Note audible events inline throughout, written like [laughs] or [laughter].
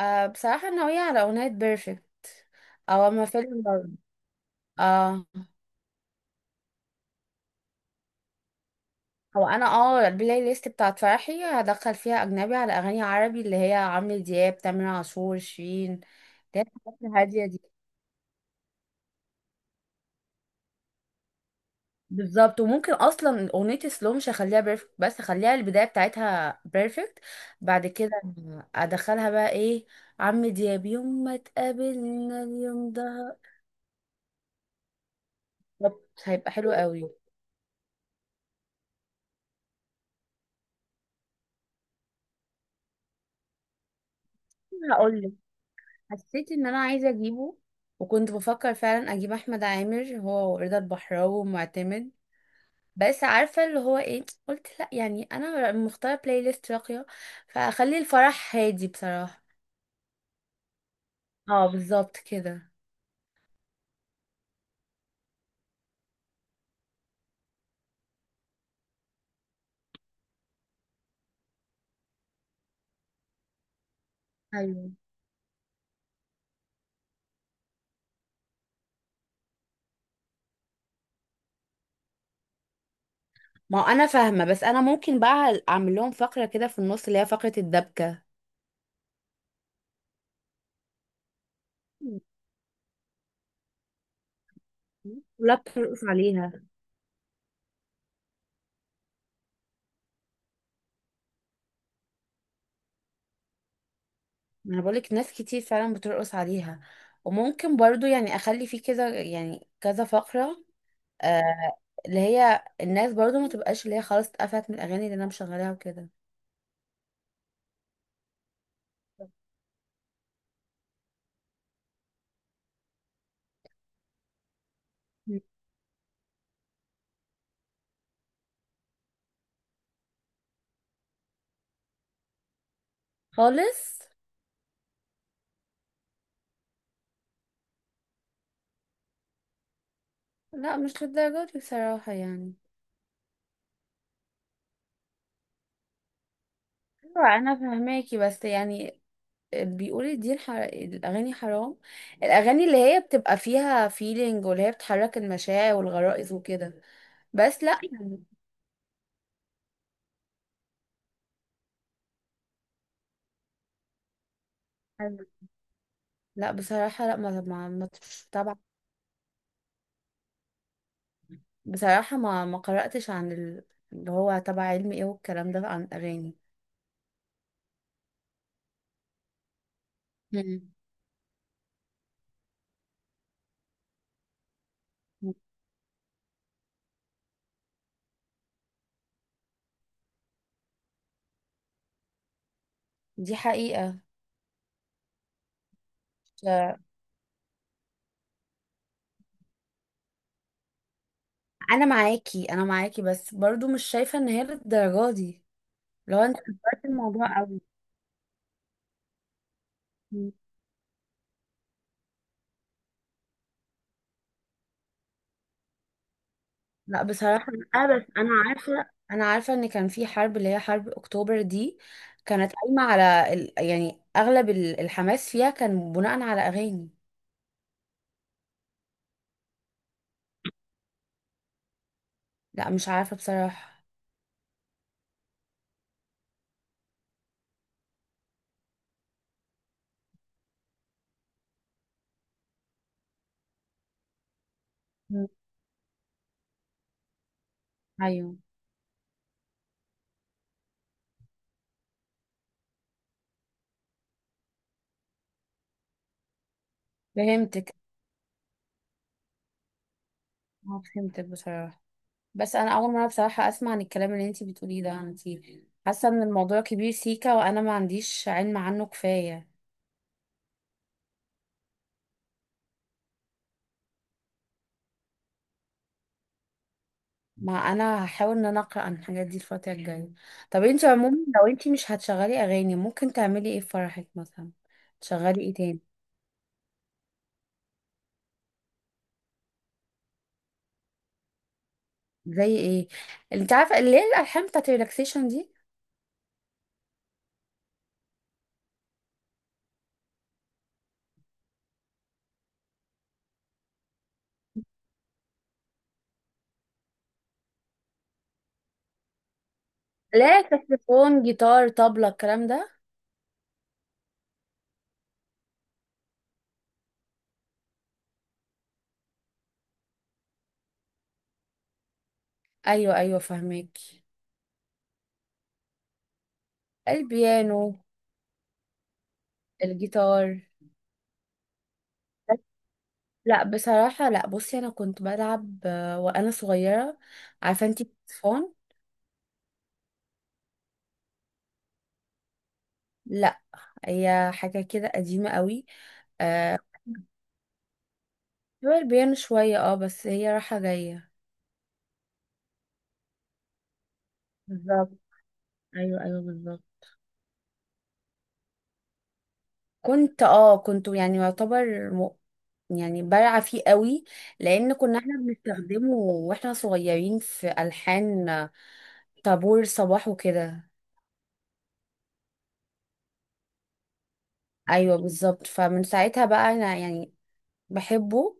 بصراحة ناوية على أغنية بيرفكت أو أما فيلم برضه. أه. هو أنا البلاي ليست بتاعت فرحي هدخل فيها أجنبي على أغاني عربي، اللي هي عمرو دياب، تامر عاشور، شيرين، اللي هي الحاجات الهادية دي. بالظبط، وممكن أصلا أغنية سلو مش هخليها بيرفكت، بس هخليها البداية بتاعتها بيرفكت. بعد كده أدخلها بقى إيه، عمرو دياب يوم ما تقابلنا اليوم ده. بالظبط، هيبقى حلو قوي. هقولك، حسيت ان انا عايزه اجيبه، وكنت بفكر فعلا اجيب احمد عامر هو ورضا البحراوي ومعتمد. بس عارفه اللي هو ايه، قلت لا، يعني انا مختاره بلاي ليست راقيه فاخلي الفرح هادي بصراحه. اه، بالظبط كده. ايوه. ما هو انا فاهمه، بس انا ممكن بقى اعمل لهم فقره كده في النص، اللي هي فقره الدبكه. [laughs] كلها بترقص عليها. ما انا بقولك ناس كتير فعلا بترقص عليها، وممكن برضو يعني اخلي فيه كده يعني كذا فقرة. آه، اللي هي الناس برضو ما تبقاش اللي هي خلاص اتقفلت من الاغاني اللي انا مشغلاها وكده. خالص. لا، مش للدرجه دي بصراحه يعني. ايوه انا فهماكي، بس يعني بيقولوا دي الاغاني حرام، الاغاني اللي هي بتبقى فيها فيلينج واللي هي بتحرك المشاعر والغرائز وكده. بس لا يعني. لا بصراحه، لا، ما مش تبع. بصراحه ما قراتش عن اللي هو تبع علم ايه والكلام ده عن الاغاني. مم. دي حقيقه. انا معاكي انا معاكي، بس برضو مش شايفه ان هي للدرجه دي، لو انت كبرت الموضوع قوي. لا بصراحه لا، بس انا عارفه، انا عارفه ان كان في حرب اللي هي حرب اكتوبر دي، كانت قايمه على يعني اغلب الحماس فيها كان بناء على اغاني. لا مش عارفه بصراحه. مم. ايوه فهمتك. اه فهمتك بصراحه، بس انا اول مره بصراحه اسمع عن الكلام اللي انت بتقوليه ده. انت حاسه ان الموضوع كبير سيكا وانا ما عنديش علم عنه كفايه. ما انا هحاول ان انا اقرا عن الحاجات دي الفتره الجايه. طب انت عموما لو انت مش هتشغلي اغاني ممكن تعملي ايه في فرحك مثلا؟ تشغلي ايه تاني؟ زي ايه؟ انت عارفه اللي هي الالحان بتاعت ريلاكسيشن دي. لا، ساكسفون، جيتار، طبلة، الكلام ده. ايوه ايوه فهمك. البيانو. الجيتار. لا بصراحه لا، بصي انا كنت بلعب وانا صغيره. عارفه انت الساكسفون. لا، هي حاجه كده قديمه قوي. آه، هو البيانو شوية بس هي رايحة جاية. بالظبط. ايوه ايوه بالظبط. كنت يعني يعتبر يعني بارعة فيه قوي، لأن كنا احنا بنستخدمه واحنا صغيرين في ألحان طابور صباح وكده. أيوه بالظبط، فمن ساعتها بقى أنا يعني بحبه،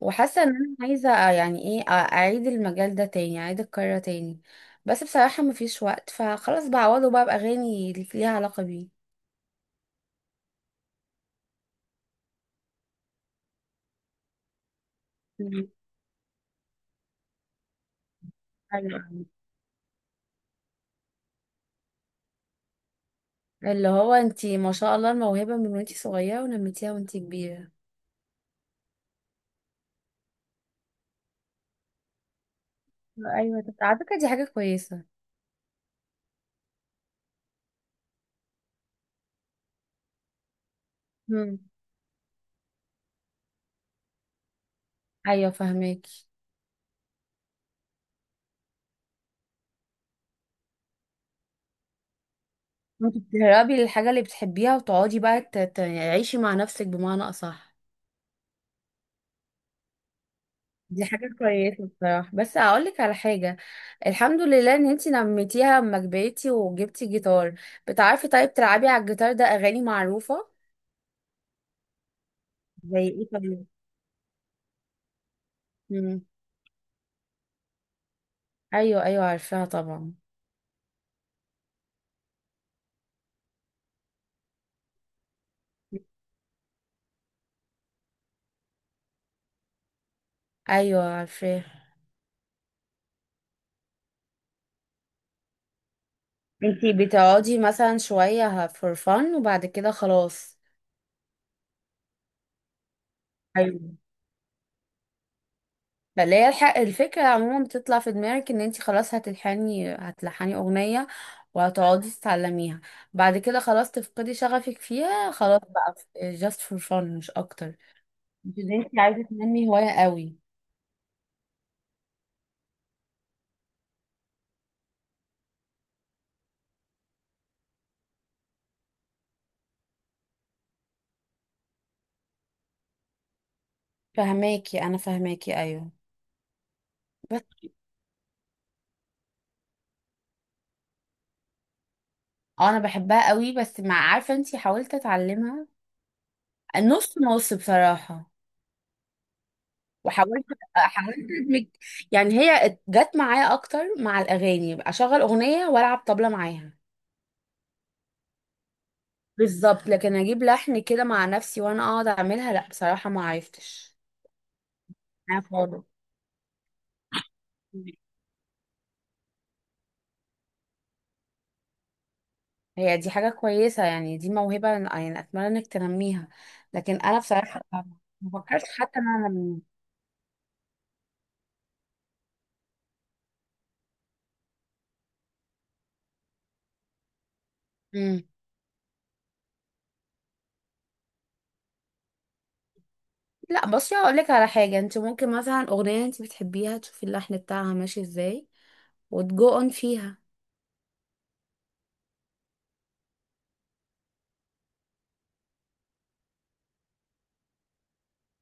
وحاسة إن أنا عايزة يعني إيه أعيد المجال ده تاني، أعيد الكرة تاني. بس بصراحة مفيش وقت، فخلاص بعوضه بقى بأغاني اللي ليها علاقة بيه. مم. ايوه. اللي هو انتي ما شاء الله الموهبة من وانتي صغيرة ونميتيها وانتي كبيرة. ايوه، طب على فكرة دي حاجة كويسة. مم. ايوه فهماكي. انت تهربي للحاجة اللي بتحبيها وتقعدي بقى تعيشي مع نفسك بمعنى أصح. دي حاجة كويسة بصراحة، بس هقولك على حاجة، الحمد لله ان انتي نميتيها اما كبرتي وجبتي جيتار. بتعرفي طيب تلعبي على الجيتار ده اغاني معروفة؟ زي ايه طيب؟ مم. ايوه ايوه عارفاها طبعا. ايوه عارفاها. انتي بتقعدي مثلا شوية فور فن وبعد كده خلاص. ايوه. فاللي هي الفكرة عموما بتطلع في دماغك ان انتي خلاص هتلحني هتلحني اغنية وهتقعدي تتعلميها، بعد كده خلاص تفقدي شغفك فيها خلاص بقى. جاست فور فن مش اكتر. مش ان انتي عايزة تنمي هواية قوي. فهماكي انا فهماكي ايوه. بس انا بحبها قوي، بس مع عارفة انتي حاولت اتعلمها. نص نص بصراحة. وحاولت حاولت ادمج، يعني هي جت معايا اكتر مع الاغاني، يبقى اشغل اغنيه والعب طبله معاها. بالظبط. لكن اجيب لحن كده مع نفسي وانا اقعد اعملها، لا بصراحه ما عرفتش. انا خالص. هي دي حاجه كويسه، يعني دي موهبه، يعني اتمنى انك تنميها. لكن انا بصراحه ما فكرتش حتى ان انا انميها. مم. لا بصي هقول لك على حاجه، انت ممكن مثلا اغنيه انت بتحبيها تشوفي اللحن بتاعها ماشي ازاي، وتجو اون فيها.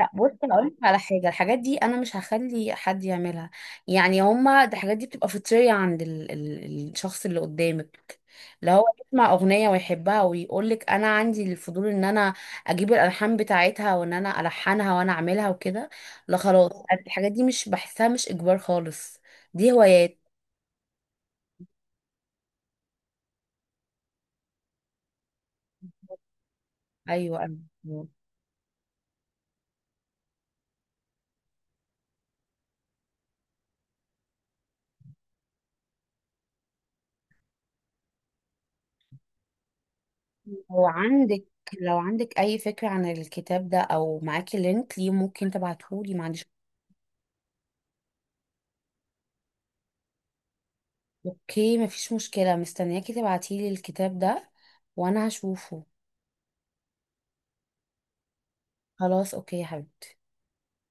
لا بص انا اقول لك على حاجه، الحاجات دي انا مش هخلي حد يعملها، يعني هما الحاجات دي بتبقى فطريه عند ال الشخص اللي قدامك. لو هو يسمع اغنيه ويحبها ويقول لك انا عندي الفضول ان انا اجيب الالحان بتاعتها وان انا الحنها وانا اعملها وكده. لا خلاص، أنا الحاجات دي مش بحسها، مش اجبار خالص، دي هوايات. ايوه. لو عندك لو عندك اي فكره عن الكتاب ده او معاكي لينك ليه، ممكن تبعتهولي، ما عنديش. اوكي مفيش مشكلة، مستنياكي تبعتيلي الكتاب ده وانا هشوفه. خلاص اوكي يا حبيبتي.